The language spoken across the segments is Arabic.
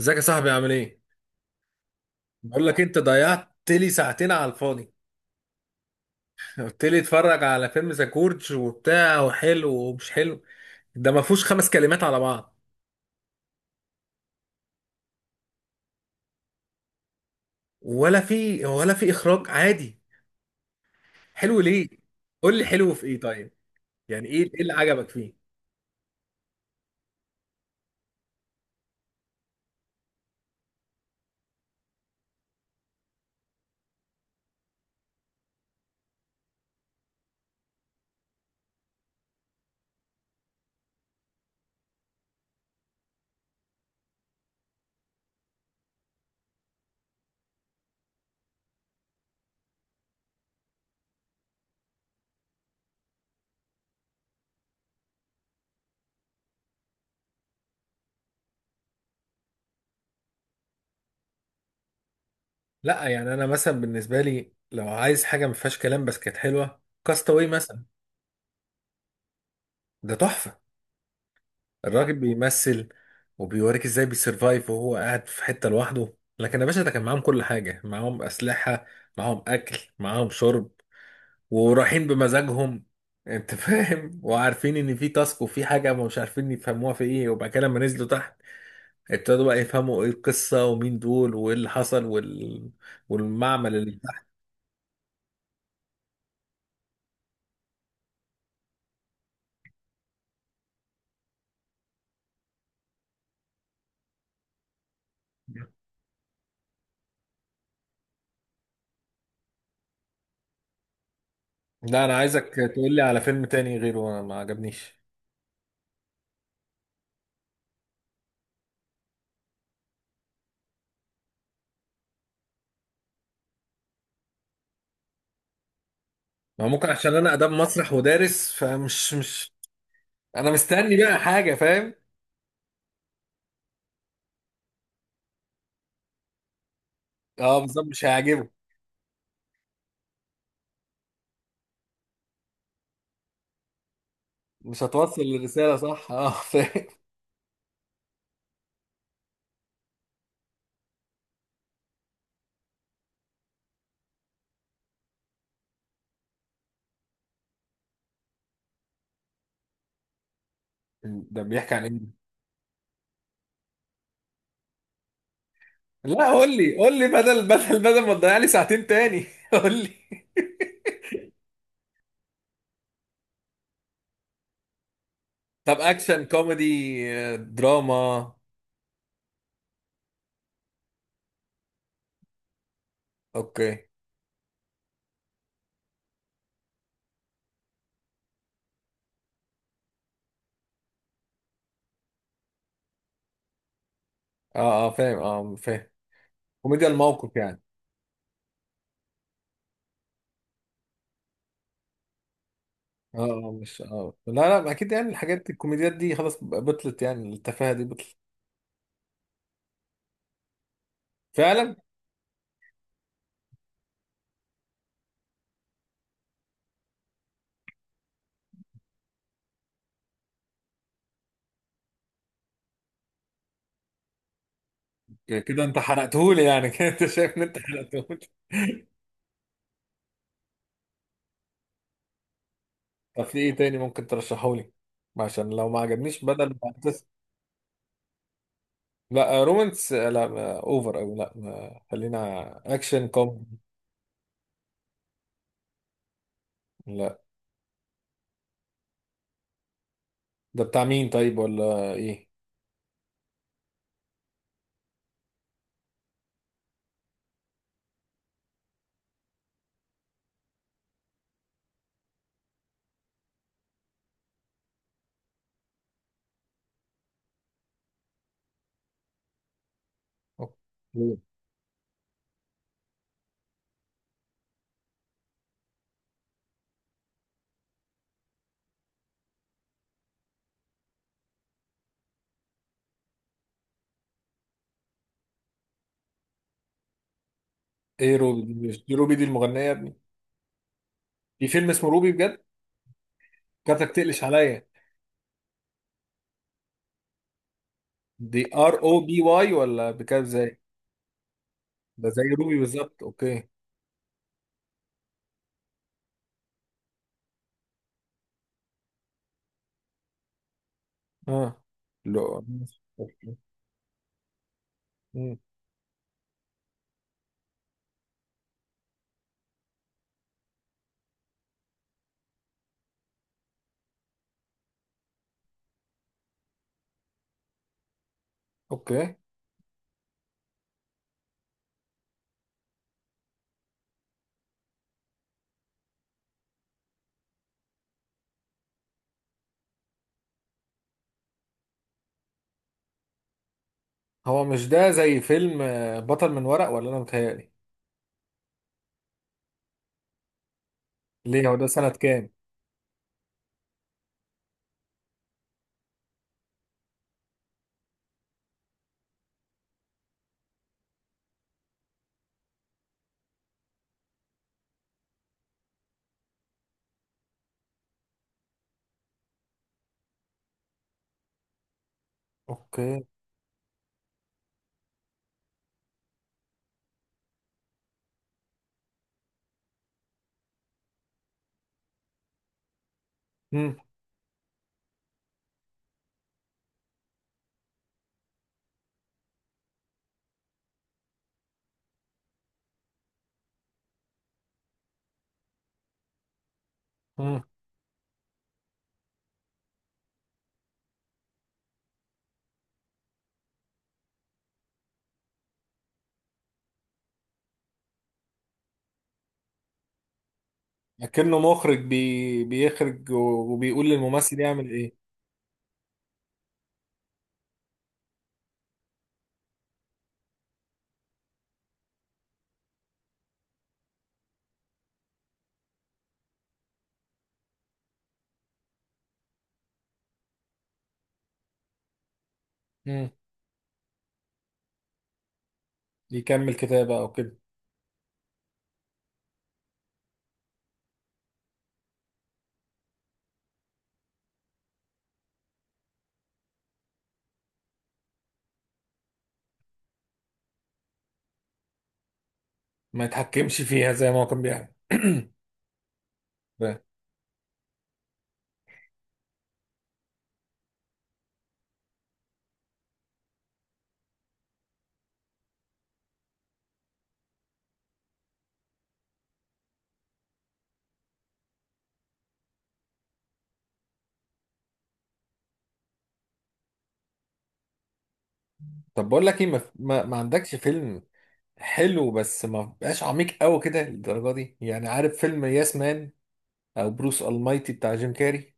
ازيك يا صاحبي، عامل ايه؟ بقول لك، انت ضيعت لي ساعتين على الفاضي. قلت لي اتفرج على فيلم ساكورج وبتاع، وحلو ومش حلو. ده ما فيهوش 5 كلمات على بعض. ولا في اخراج عادي. حلو ليه؟ قول لي حلو في ايه طيب؟ يعني ايه اللي عجبك فيه؟ لا يعني انا مثلا بالنسبه لي لو عايز حاجه ما فيهاش كلام بس كانت حلوه، كاستاوي مثلا. ده تحفه. الراجل بيمثل، وبيوريك ازاي بيسرفايف وهو قاعد في حتة لوحده. لكن يا باشا ده كان معاهم كل حاجة، معاهم أسلحة، معاهم أكل، معاهم شرب، ورايحين بمزاجهم. انت فاهم، وعارفين ان في تاسك وفي حاجة ما مش عارفين يفهموها في ايه، وبعد كده لما نزلوا تحت ابتدوا بقى يفهموا ايه القصة ومين دول وايه اللي حصل والمعمل اللي تحت. لا انا عايزك تقول لي على فيلم تاني غيره، انا ما عجبنيش. ما ممكن عشان انا اداب مسرح ودارس، فمش مش. انا مستني بقى حاجة، فاهم. اه بالظبط، مش هيعجبه. مش هتوصل الرسالة صح. اه فاهم. ده بيحكي عن ايه؟ لا قول لي بدل ما تضيع لي ساعتين تاني. قول لي. طب اكشن كوميدي؟ آه، دراما. اوكي. اه، اه، فاهم، اه فاهم. كوميديا الموقف يعني. اه، آه، مش، اه، لا، لا، ما اكيد يعني الحاجات الكوميديات دي خلاص بطلت، يعني التفاهة دي بطلت. فعلا. كده انت حرقتهولي يعني. كده انت شايف ان انت حرقتهولي. طب في ايه تاني ممكن ترشحهولي؟ عشان لو ما عجبنيش بدل ما. لا رومانس، لا ما اوفر قوي، لا ما خلينا. اكشن كوم. لا ده بتاع مين طيب، ولا ايه؟ أوكي. ايه روبي دي؟ مش دي روبي دي المغنية يا ابني؟ في فيلم اسمه روبي بجد. كاتك تقلش عليا. دي ار او بي واي، ولا بكاب زي؟ ده زي روبي بالظبط، اوكي. اه. لا ماشي، اوكي. مم. أوكي. هو مش ده زي فيلم، بطل من ورق، ولا انا متهيألي؟ ليه، هو ده سنة كام؟ اوكي. مم. مم. اكنه مخرج بيخرج وبيقول للممثل يعمل ايه. مم. يكمل كتابة او كده. ما يتحكمش فيها زي ما هو كان بيعمل. فاهم. طب بقول لك ايه، ما عندكش فيلم حلو بس ما بقاش عميق قوي كده للدرجة دي؟ يعني عارف فيلم ياس مان او بروس المايتي بتاع جيم كاري؟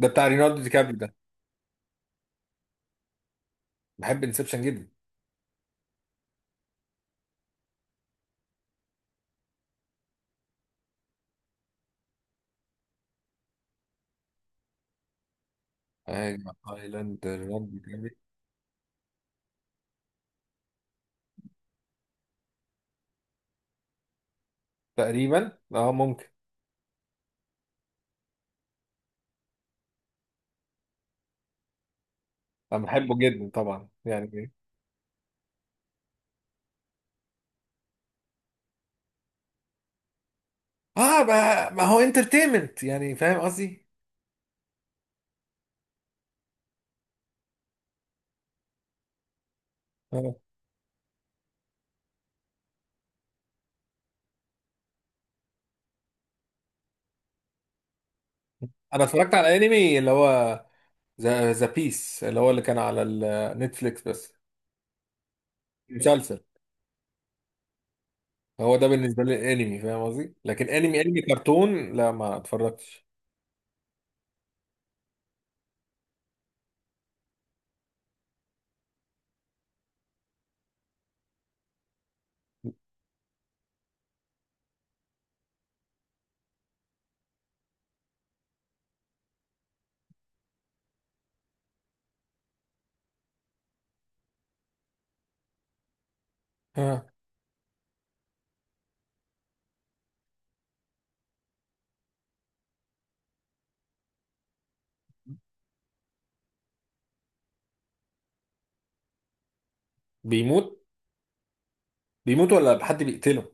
ده بتاع رينالدو دي كابري ده؟ بحب انسبشن جدا. ايلاند رينالدو دي كابري؟ تقريبا اه ممكن. انا بحبه جدا طبعا يعني. اه، ما هو انترتينمنت يعني، فاهم قصدي. آه. انا اتفرجت على انمي اللي هو ذا بيس اللي هو اللي كان على النتفليكس بس. مسلسل. هو ده بالنسبه لي الانمي، فاهم قصدي، لكن انمي كرتون، لا ما اتفرجتش. ها. بيموت. بيموت ولا حد بيقتله؟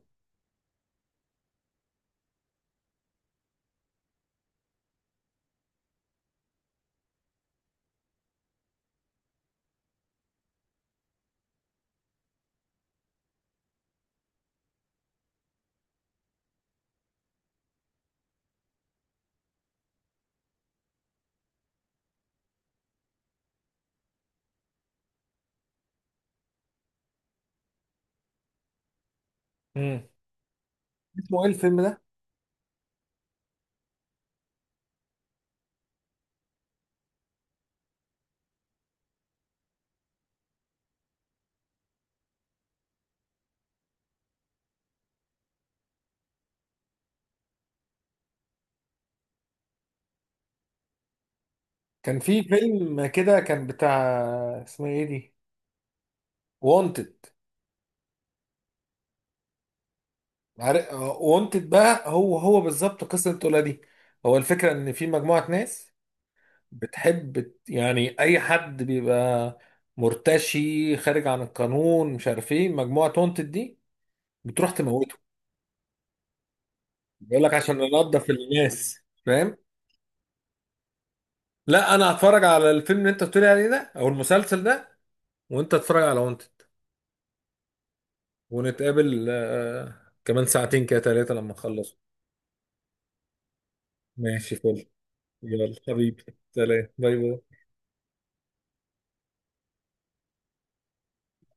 امم. اسمه ايه الفيلم ده؟ كان في فيلم كده، كان بتاع. اسمه ايه دي؟ وونتد. وونتد بقى، هو بالظبط قصه الطفوله دي. هو الفكره ان في مجموعه ناس بتحب يعني اي حد بيبقى مرتشي، خارج عن القانون، مش عارف ايه، مجموعه تونتد دي بتروح تموته. بيقول لك عشان ننضف الناس، فاهم. لا انا هتفرج على الفيلم اللي انت بتقولي عليه ده او المسلسل ده، وانت تتفرج على وانتد. ونتقابل كمان ساعتين كده 3 لما اخلص. ماشي فل. يلا حبيبي. سلام، باي باي.